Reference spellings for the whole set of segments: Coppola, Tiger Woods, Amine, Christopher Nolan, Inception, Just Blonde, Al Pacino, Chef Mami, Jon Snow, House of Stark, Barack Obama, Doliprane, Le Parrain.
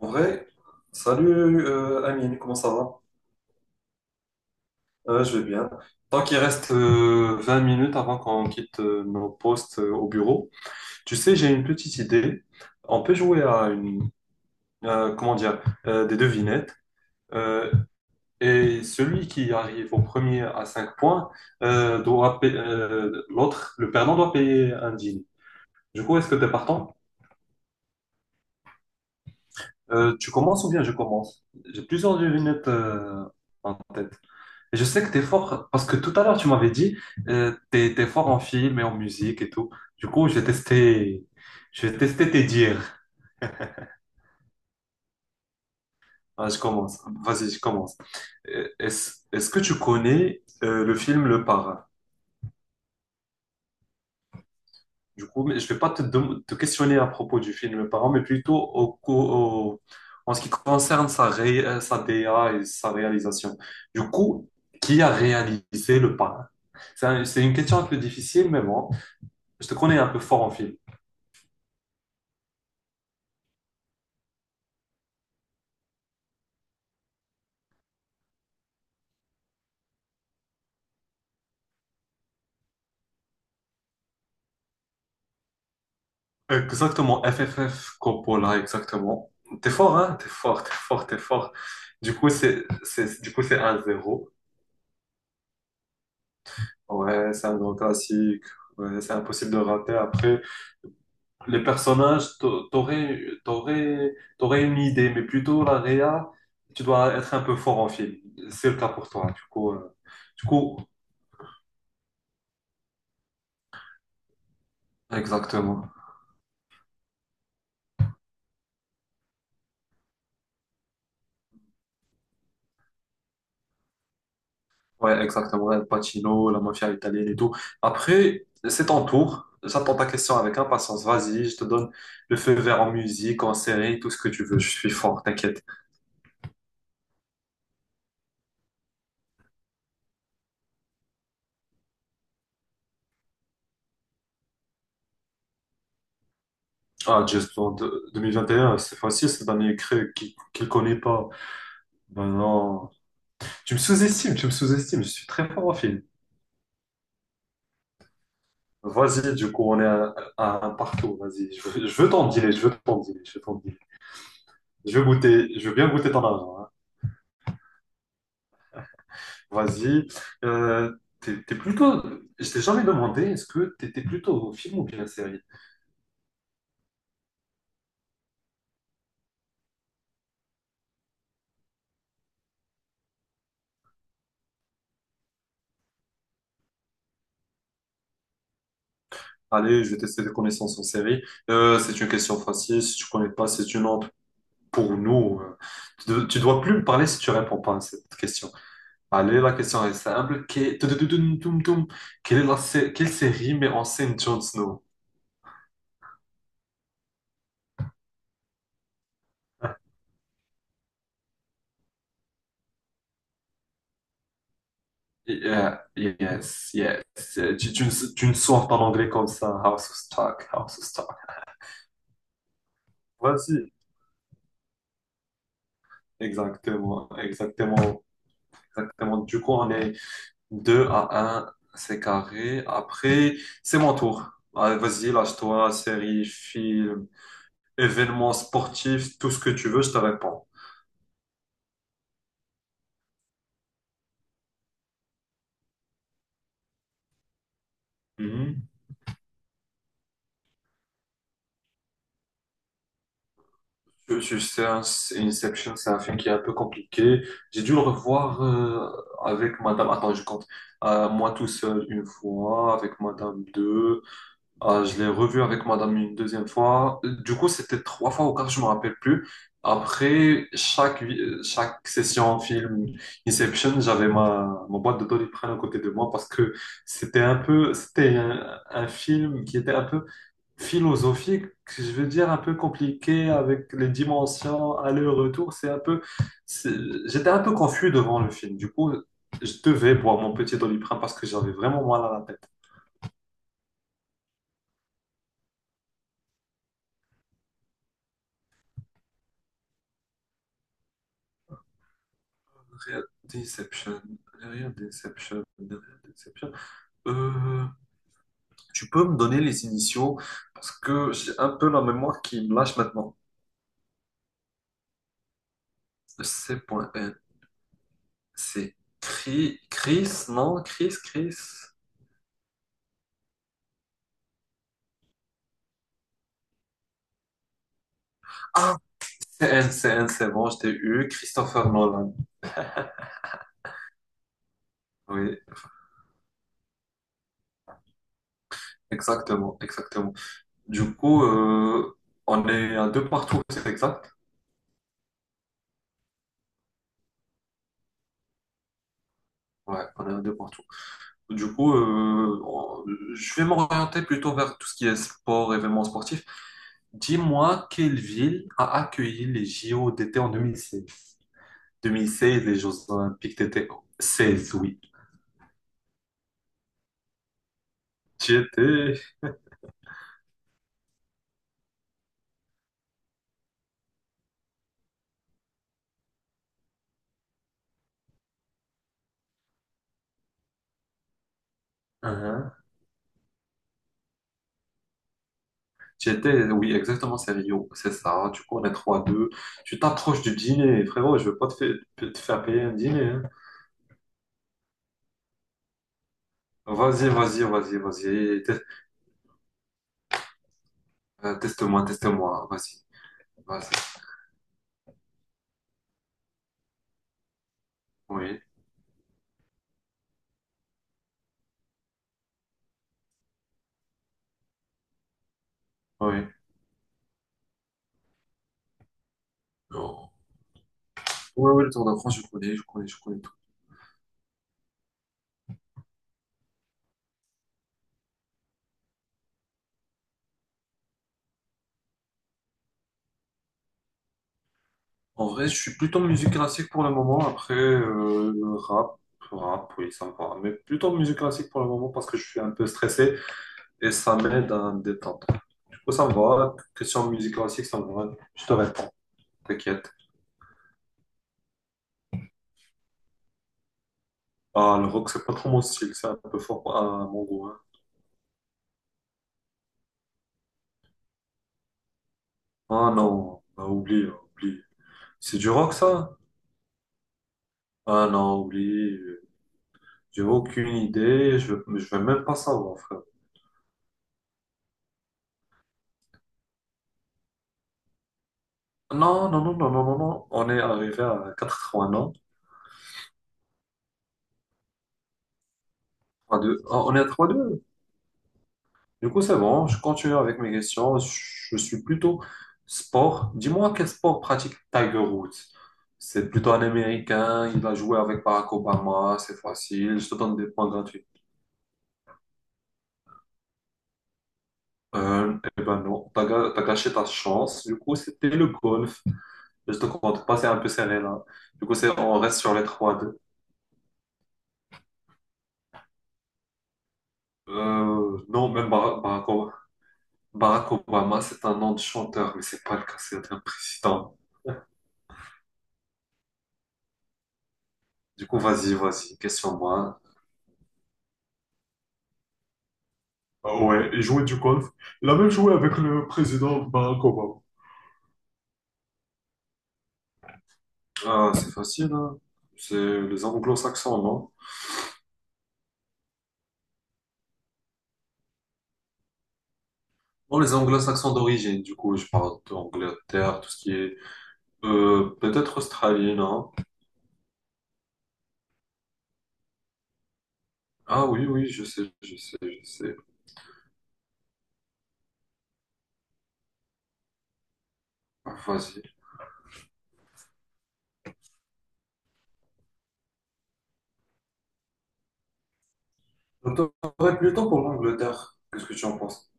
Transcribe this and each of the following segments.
En vrai, salut Amine, comment ça va? Je vais bien. Tant qu'il reste 20 minutes avant qu'on quitte nos postes au bureau, tu sais, j'ai une petite idée. On peut jouer à comment dire, des devinettes. euh, et celui qui arrive au premier à 5 points doit payer, l'autre, le perdant doit payer un dîner. Du coup, est-ce que tu es partant? Tu commences ou bien je commence? J'ai plusieurs devinettes en tête. Et je sais que t'es fort parce que tout à l'heure tu m'avais dit t'es fort en film et en musique et tout. Du coup, je vais tester tes dires. Ah, je commence. Vas-y, je commence. Est-ce que tu connais le film Le Parrain? Du coup, mais je vais pas te questionner à propos du film Le Parrain, mais plutôt au- en ce qui concerne sa DA et sa réalisation. Du coup, qui a réalisé Le Parrain? C'est une question un peu difficile, mais bon, je te connais un peu fort en film. Exactement, FFF Coppola, exactement. T'es fort, hein? T'es fort, t'es fort, t'es fort. Du coup, c'est un zéro. Ouais, c'est un grand classique. Ouais, c'est impossible de rater. Après, les personnages, t'aurais une idée, mais plutôt la réa, tu dois être un peu fort en film. C'est le cas pour toi. Du coup, exactement. Ouais, exactement. El Pacino, la mafia italienne et tout. Après, c'est ton tour. J'attends ta question avec impatience. Vas-y, je te donne le feu vert en musique, en série, tout ce que tu veux. Je suis fort, t'inquiète. Ah, Just Blonde 2021, c'est facile, cette année créée qui le connaît pas. Ben non. Tu me sous-estimes, tu me sous-estimes. Je suis très fort en film. Vas-y, du coup, on est à un partout. Vas-y, je veux t'en dealer, je veux t'en dealer, je veux t'en dealer. Je veux goûter, je veux bien goûter ton argent, hein. Vas-y. Euh, t'es plutôt. Je t'ai jamais demandé, est-ce que t'étais plutôt au film ou bien série? Allez, je vais tester tes connaissances en série. C'est une question facile. Si tu connais pas, c'est une honte pour nous. Tu dois plus me parler si tu réponds pas à cette question. Allez, la question est simple. Tudududum, tum, tum. Quelle est la sé- quelle série met en scène Jon Snow? Yeah, yes, yes. Tu ne sors pas en anglais comme ça. House of Stark, House of Stark. Vas-y. Exactement, exactement. Exactement. Du coup, on est 2 à un, c'est carré. Après, c'est mon tour. Allez, vas-y, lâche-toi, série, film, événement sportif, tout ce que tu veux, je te réponds. Mhm. C'est Inception, c'est un film qui est un peu compliqué. J'ai dû le revoir avec Madame. Attends, je compte. Moi tout seul une fois, avec Madame deux, ah, je l'ai revu avec madame une deuxième fois. Du coup, c'était trois fois ou quatre, je me rappelle plus. Après chaque session film Inception, j'avais ma boîte de Doliprane à côté de moi parce que c'était un film qui était un peu philosophique, je veux dire un peu compliqué avec les dimensions, aller-retour. C'est un peu, c'est- J'étais un peu confus devant le film. Du coup, je devais boire mon petit Doliprane parce que j'avais vraiment mal à la tête. Regarde Deception. Regarde Deception. Regarde Deception. Euh, tu peux me donner les initiaux parce que j'ai un peu la mémoire qui me lâche maintenant. C.N. C'est Chris, Chris, non? Chris, Chris. Ah, c'est N, c'est N, c'est bon, je t'ai eu. Christopher Nolan. Oui, exactement, exactement. Du coup, on est à deux partout, c'est exact? Ouais, on est à deux partout. Du coup, je vais m'orienter plutôt vers tout ce qui est sport, événements sportifs. Dis-moi quelle ville a accueilli les JO d'été en 2016. 2016, les Jeux Olympiques d'été 16, oui. J'y étais, hein. J'y étais, oui, exactement, c'est Rio. C'est ça. Du coup, on est 3-2. Tu t'approches du dîner, frérot. Je veux pas te faire payer un dîner, hein. Vas-y, vas-y, vas-y, vas-y. Teste-moi, teste-moi. Vas-y, vas-y. Oui, oui. Non. Oui, oui, le Tour de France, je connais, je connais, je connais. En vrai, je suis plutôt musique classique pour le moment. Après, rap, rap, oui, ça me va. Mais plutôt musique classique pour le moment parce que je suis un peu stressé et ça m'aide à me détendre. Du coup, ça me va. Question de musique classique, ça me va. Je te réponds, t'inquiète. Ah, le rock, c'est pas trop mon style, c'est un peu fort à mon goût, hein. Ah non, bah, oublie, oublie. C'est du rock, ça? Ah non, oublie. J'ai aucune idée, je vais même pas savoir, frère. Non, non, non, non, non, non, non. On est arrivé à 80 ans. 3-2. Ah, on est à 3-2. Du coup, c'est bon. Je continue avec mes questions. Je suis plutôt sport. Dis-moi quel sport pratique Tiger Woods. C'est plutôt un Américain. Il a joué avec Barack Obama. C'est facile. Je te donne des points gratuits. Eh ben non. T'as gâché ta chance. Du coup, c'était le golf. Je te compte pas. C'est un peu serré là. Du coup, c'est, on reste sur les 3-2. Non, même Barack Obama, c'est un nom de chanteur, mais c'est pas le cas. C'est un président. Du coup, vas-y, vas-y, question-moi. Ah, ouais, et jouer du golf. Il a même joué avec le président Koba. Ah, c'est facile, hein. C'est les anglo-saxons, non? Non, les anglo-saxons d'origine, du coup, je parle d'Angleterre, tout ce qui est... Peut-être Australie, non? Ah oui, oui, je sais, je sais, je sais. Ah, vas-y. Donc, t'aurais plutôt pour l'Angleterre. Qu'est-ce que tu en penses?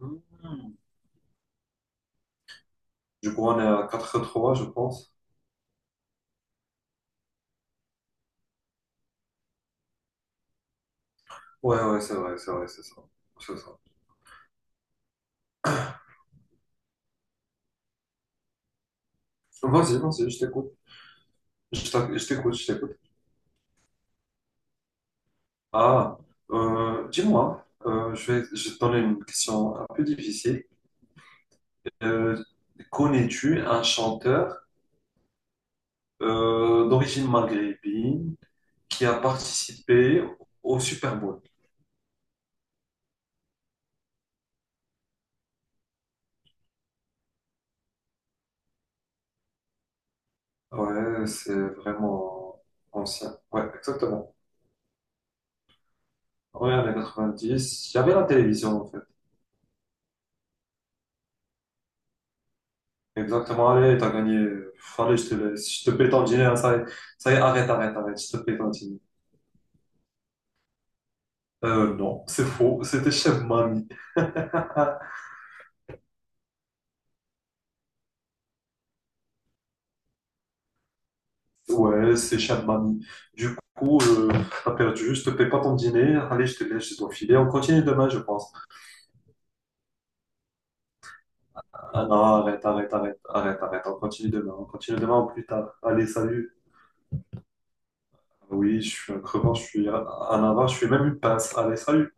Hmm. Du coup, on est à 4-3, je pense. Ouais, ouais, c'est vrai, c'est vrai, c'est ça. C'est ça. Vas-y, vas-y, je t'écoute. Je t'écoute, je t'écoute. Ah, dis-moi, je vais te donner une question un peu difficile. Euh, Connais-tu un chanteur d'origine maghrébine qui a participé au Super Bowl? Ouais, c'est vraiment ancien. Ouais, exactement. Ouais, années 90. Il y avait la télévision, en fait. Exactement. Allez, t'as gagné. Allez, je te laisse. Je te paie ton dîner, hein. Ça y est, arrête, arrête, arrête. Je te paie ton dîner. Non, c'est faux. C'était Chef Mami. Ah, ouais, c'est cher de mamie. Du coup, t'as perdu, je te paie pas ton dîner. Allez, je te laisse, je dois filer. On continue demain, je pense. Ah non, arrête, arrête, arrête, arrête, arrête. On continue demain ou plus tard. Allez, salut. Oui, je suis un crevant, je suis un avare, je suis même une pince. Allez, salut.